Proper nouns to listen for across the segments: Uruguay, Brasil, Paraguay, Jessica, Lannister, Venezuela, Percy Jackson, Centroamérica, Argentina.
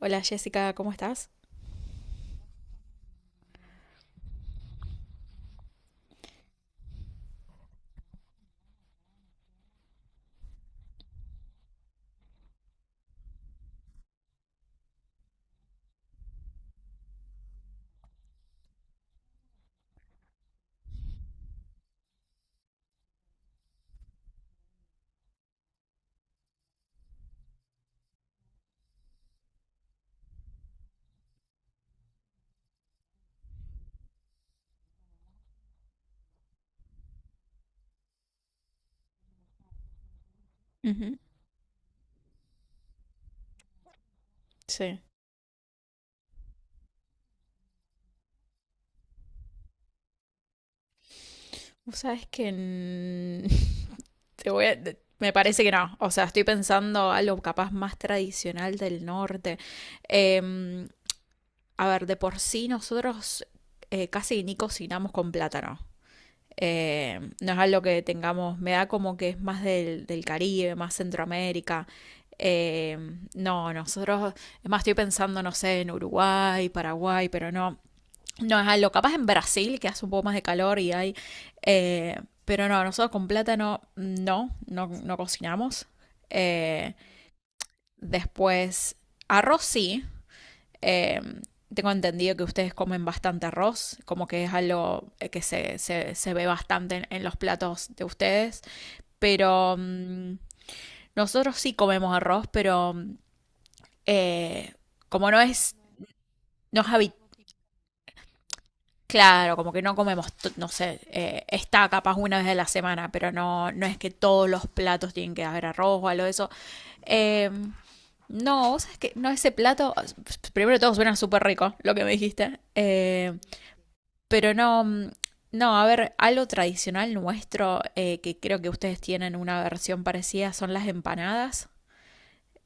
Hola Jessica, ¿cómo estás? Ujú. Sí. Vos sabés que te voy a- te- Me parece que no. O sea, estoy pensando algo capaz más tradicional del norte. Em, a ver, de por sí nosotros casi ni cocinamos con plátano. No es algo que tengamos. Me da como que es más del Caribe, más Centroamérica. No, nosotros. Es más, estoy pensando, no sé, en Uruguay, Paraguay, pero no. No es algo, capaz en Brasil, que hace un poco más de calor y hay... pero no, nosotros con plátano no, no, no cocinamos. Eh, Después, arroz sí. Eh, Tengo entendido que ustedes comen bastante arroz, como que es algo que se ve bastante en los platos de ustedes. Pero nosotros sí comemos arroz, pero eh, como no es, no es habi- claro, como que no comemos, no sé, está capaz una vez a la semana, pero no, no es que todos los platos tienen que haber arroz o algo de eso. Eh, no, vos sabés que no, ese plato, primero de todo suena súper rico, lo que me dijiste, pero no, no, a ver, algo tradicional nuestro, que creo que ustedes tienen una versión parecida, son las empanadas.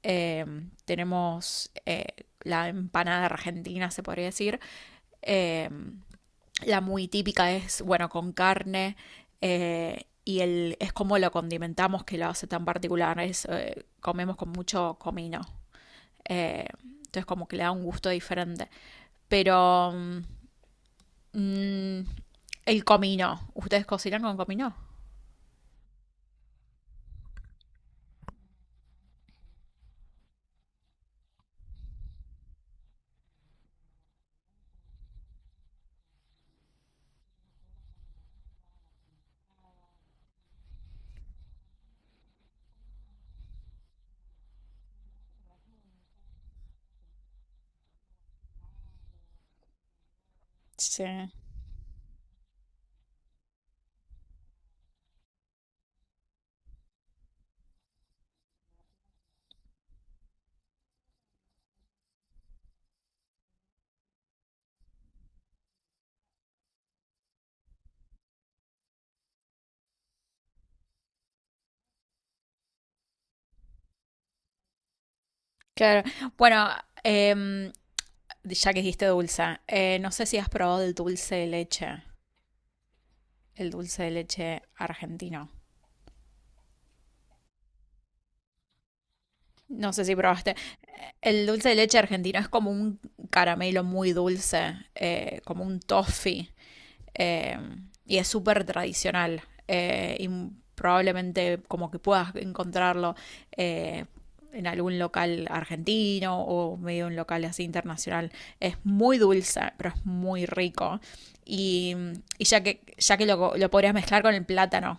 Eh, Tenemos la empanada argentina, se podría decir. Eh, la muy típica es, bueno, con carne y el, es como lo condimentamos que lo hace tan particular. Es, comemos con mucho comino. Entonces como que le da un gusto diferente. Pero mm, el comino, ¿ustedes cocinan con comino? Sí. Claro. Bueno, em, ya que dijiste dulce, no sé si has probado el dulce de leche, el dulce de leche argentino. No sé si probaste. El dulce de leche argentino es como un caramelo muy dulce, como un toffee, eh, y es súper tradicional. Y probablemente como que puedas encontrarlo eh, en algún local argentino o medio un local así internacional. Es muy dulce, pero es muy rico. Y, y ya que lo podrías mezclar con el plátano.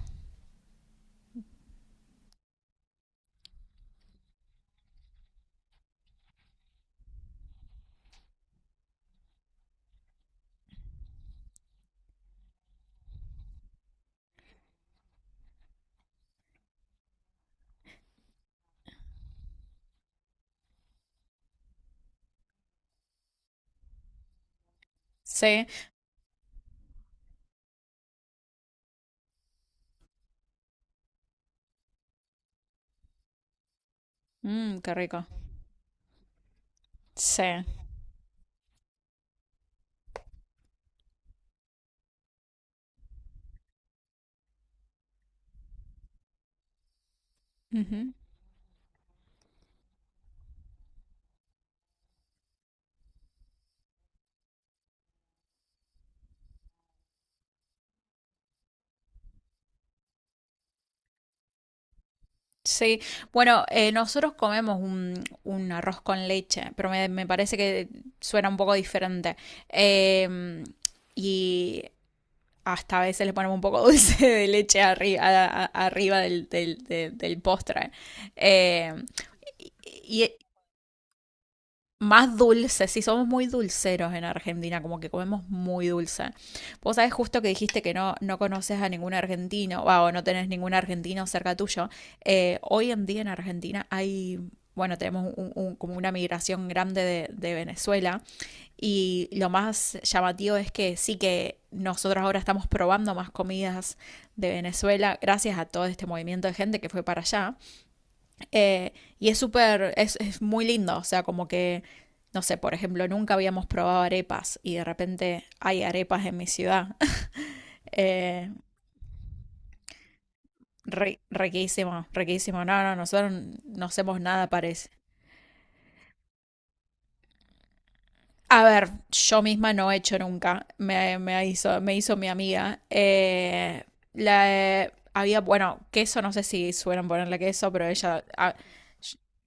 Sí. Mm, qué rico. Sí. Ujú. Sí, bueno, nosotros comemos un arroz con leche, pero me parece que suena un poco diferente. Em, y hasta a veces le ponemos un poco dulce de leche arri- arriba, del postre. Em, y, más dulce, sí, somos muy dulceros en Argentina, como que comemos muy dulce. Vos sabés justo que dijiste que no, no conoces a ningún argentino, wow, o no tenés ningún argentino cerca tuyo. Hoy en día en Argentina hay, bueno, tenemos como una migración grande de Venezuela y lo más llamativo es que sí que nosotros ahora estamos probando más comidas de Venezuela gracias a todo este movimiento de gente que fue para allá. Eh, y es súper, es muy lindo, o sea, como que, no sé, por ejemplo, nunca habíamos probado arepas y de repente hay arepas en mi ciudad. Eh, Ri- riquísimo, riquísimo. No, no, nosotros no hacemos nada parec-. A ver, yo misma no he hecho nunca, me hizo mi amiga. La, había, bueno, queso, no sé si suelen ponerle queso, pero ella, a,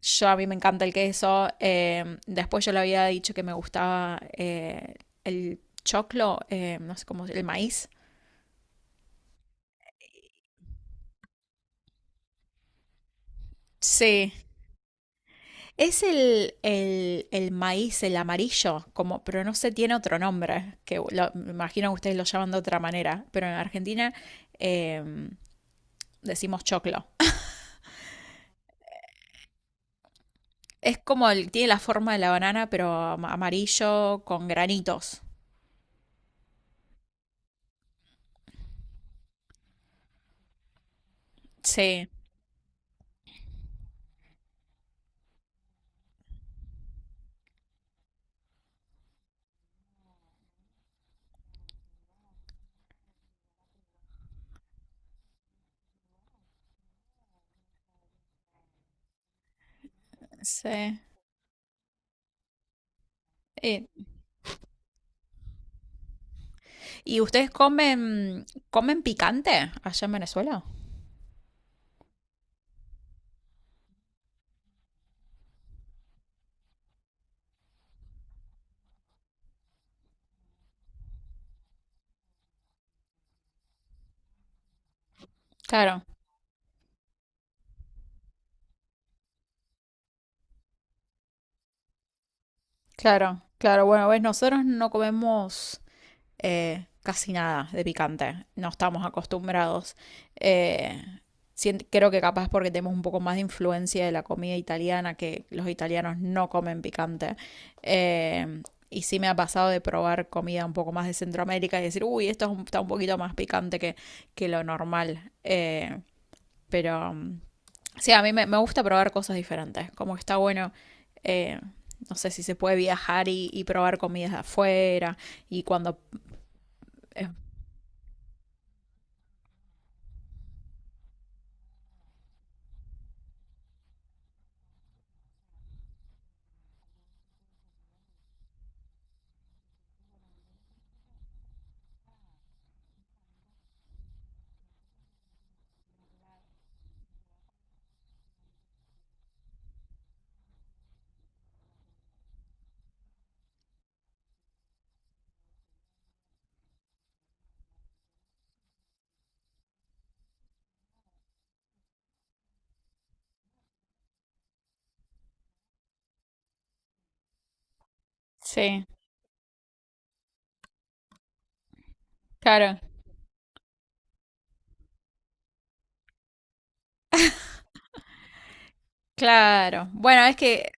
yo a mí me encanta el queso. Después yo le había dicho que me gustaba el choclo, no sé cómo, el maíz. Sí, es el maíz, el amarillo, como, pero no sé, tiene otro nombre, que me imagino que ustedes lo llaman de otra manera, pero en Argentina eh, decimos choclo. Es como el, tiene la forma de la banana, pero amarillo con granitos. Sí, sí. Eh, ¿Y ustedes comen, comen picante allá en Venezuela? Claro, claro, claro. Bueno, ves, nosotros no comemos casi nada de picante. No estamos acostumbrados. Eh, Creo que capaz porque tenemos un poco más de influencia de la comida italiana, que los italianos no comen picante. Eh, y sí me ha pasado de probar comida un poco más de Centroamérica y decir, uy, esto es está un poquito más picante que lo normal. Pero sí, a mí me gusta probar cosas diferentes. Como que está bueno. eh, no sé si se puede viajar y probar comidas de afuera y cuando es sí, claro, claro. Bueno, es que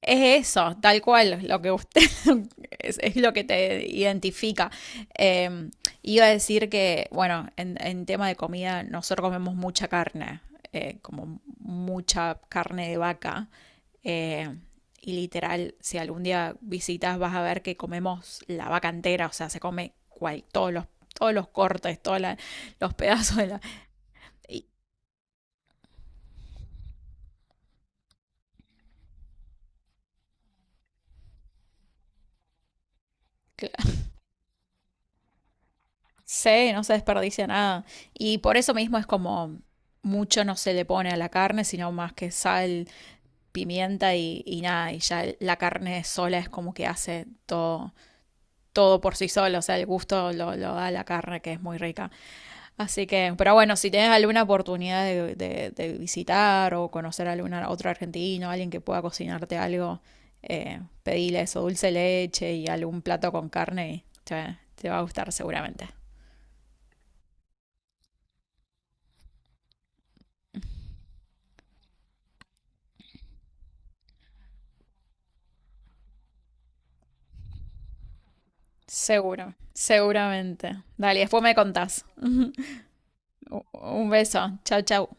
es eso, tal cual, lo que usted es lo que te identifica. Eh, Iba a decir que, bueno, en tema de comida, nosotros comemos mucha carne, como mucha carne de vaca. eh, y literal, si algún día visitas, vas a ver que comemos la vaca entera, o sea, se come cual, todos los cortes, los pedazos de la. Sí, no se desperdicia nada. Y por eso mismo es como mucho no se le pone a la carne, sino más que sal, pimienta y nada. Y ya la carne sola es como que hace todo, todo por sí sola. O sea, el gusto lo da la carne, que es muy rica. Así que, pero bueno, si tienes alguna oportunidad de visitar o conocer a alguna, otro argentino, alguien que pueda cocinarte algo, pedile eso, dulce de leche y algún plato con carne y te va a gustar seguramente. Seguro, seguramente. Dale, después me contás. U- Un beso. Chau, chau.